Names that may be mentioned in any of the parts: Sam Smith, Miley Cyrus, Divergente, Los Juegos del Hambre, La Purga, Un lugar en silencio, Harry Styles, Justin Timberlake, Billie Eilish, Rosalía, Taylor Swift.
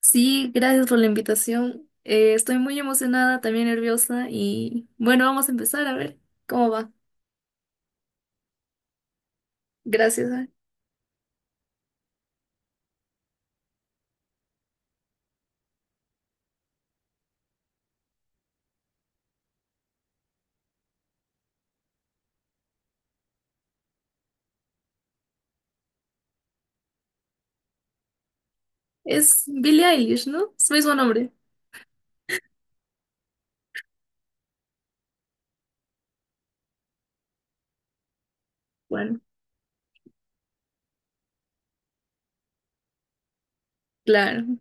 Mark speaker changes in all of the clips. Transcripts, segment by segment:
Speaker 1: Sí, gracias por la invitación. Estoy muy emocionada, también nerviosa y bueno, vamos a empezar a ver cómo va. Gracias. Ah. Es Billie Eilish, ¿no? Es su mismo nombre. Bueno, claro,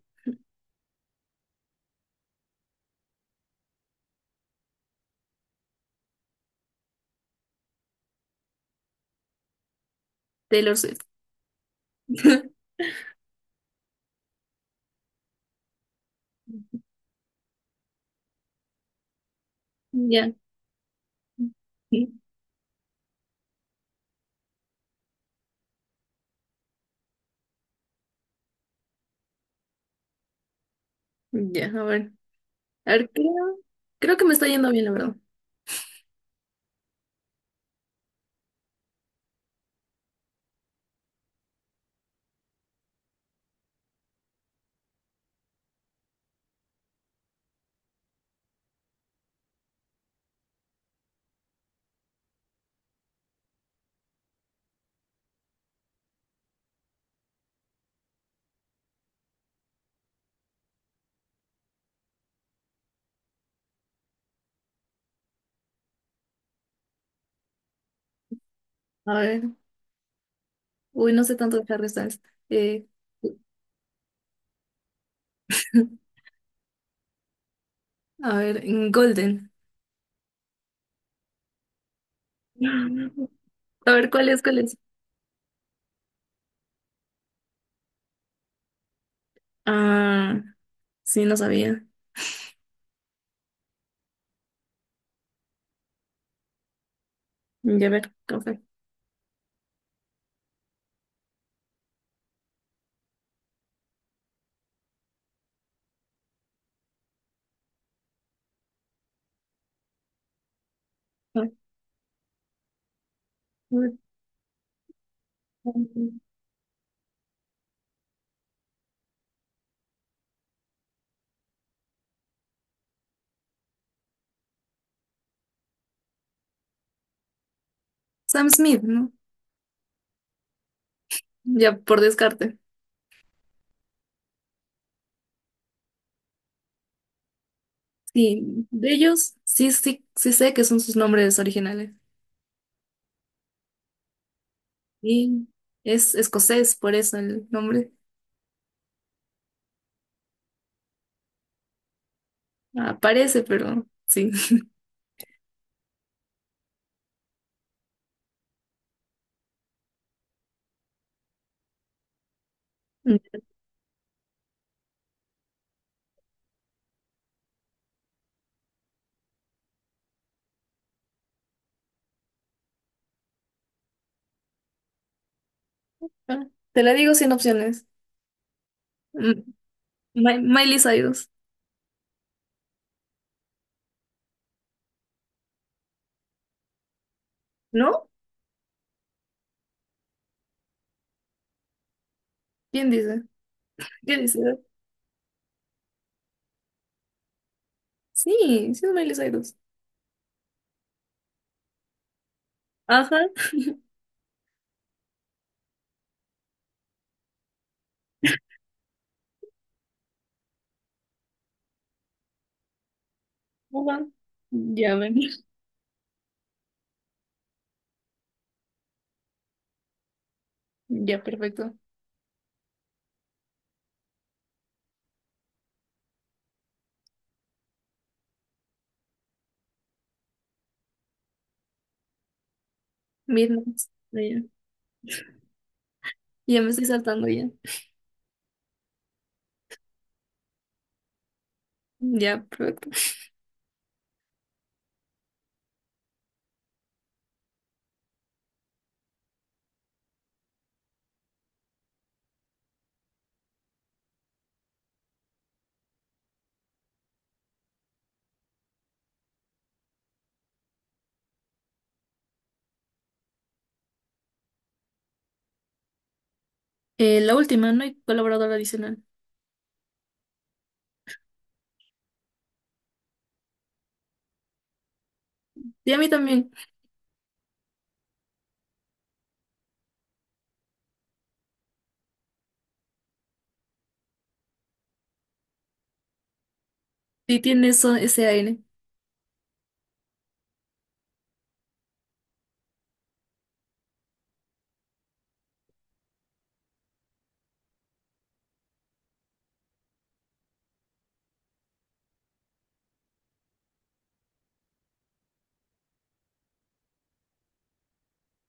Speaker 1: Taylor Swift. Ya, ya, a ver. A ver, creo que me está yendo bien, la verdad. A ver, uy, no sé tanto de Harry Styles. Eh, a ver, en Golden. A ver, ¿cuál es? ¿Cuál es? Ah, sí, no sabía. Ya ver, café. Sam Smith, ¿no? Ya por descarte. Sí, de ellos sí, sí sé que son sus nombres originales. Y es escocés, por eso el nombre aparece, pero sí. Mm. Te la digo sin opciones. M- Miley Cyrus, ¿no? ¿Quién dice? ¿Quién dice? Sí, sí es Miley Cyrus. Ajá, ajá. Ya, ven, ya, perfecto. Midnight. Ya, ya me estoy saltando ya. Ya, perfecto. La última, no hay colaborador adicional. Y a mí también. Sí tiene eso, ese aire.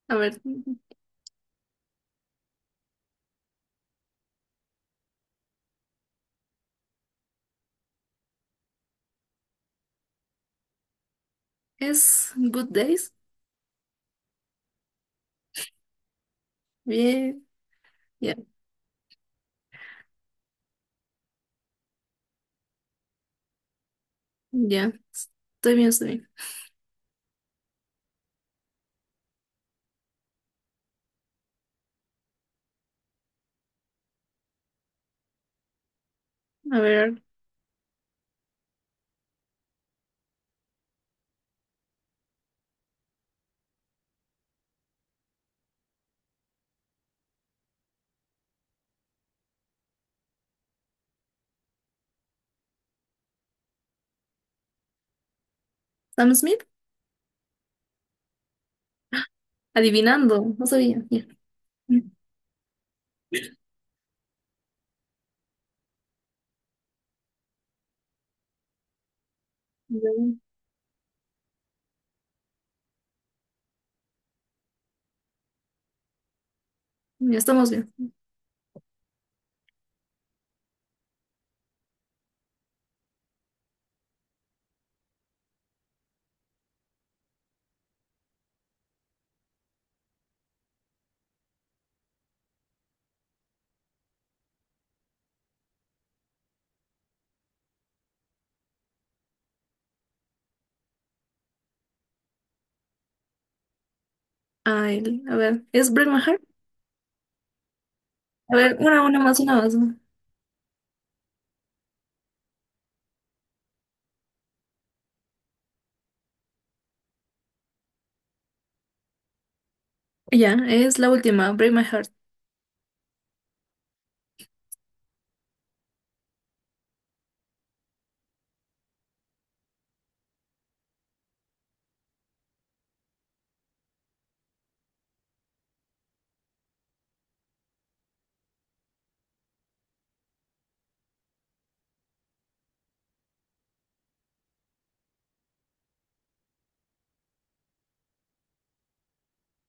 Speaker 1: A ver, es Good Days. Bien, ya, ya. Estoy bien, estoy bien. A ver, Sam Smith, adivinando. No sabía. Ya, ya, ya estamos bien. Ah, a ver, es Break My Heart. A ver, una, una más, ¿no? Ya, es la última, Break My Heart.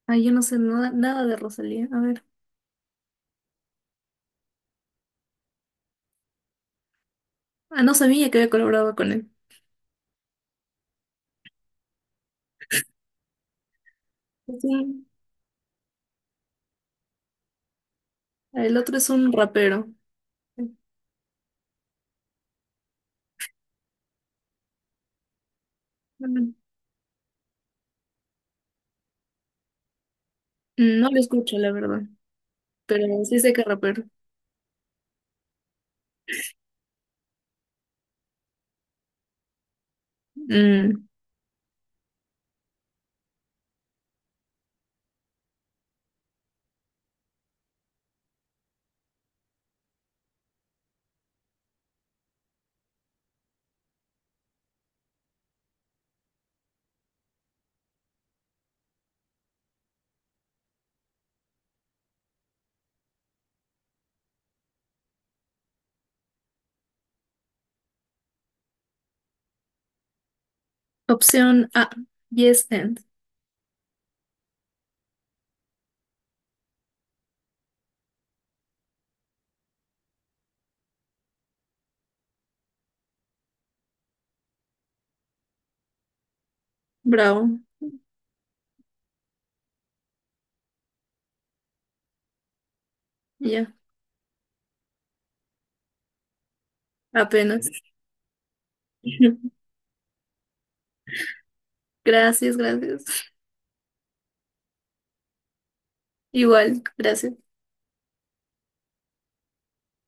Speaker 1: Ah, yo no sé nada, nada de Rosalía. A ver. Ah, no sabía que había colaborado con él. Es un- el otro es un rapero. Mm, no lo escucho, la verdad, pero sí sé que rapero. Mm, opción A, Yes and. Bravo, ya, apenas. Gracias, gracias. Igual, gracias.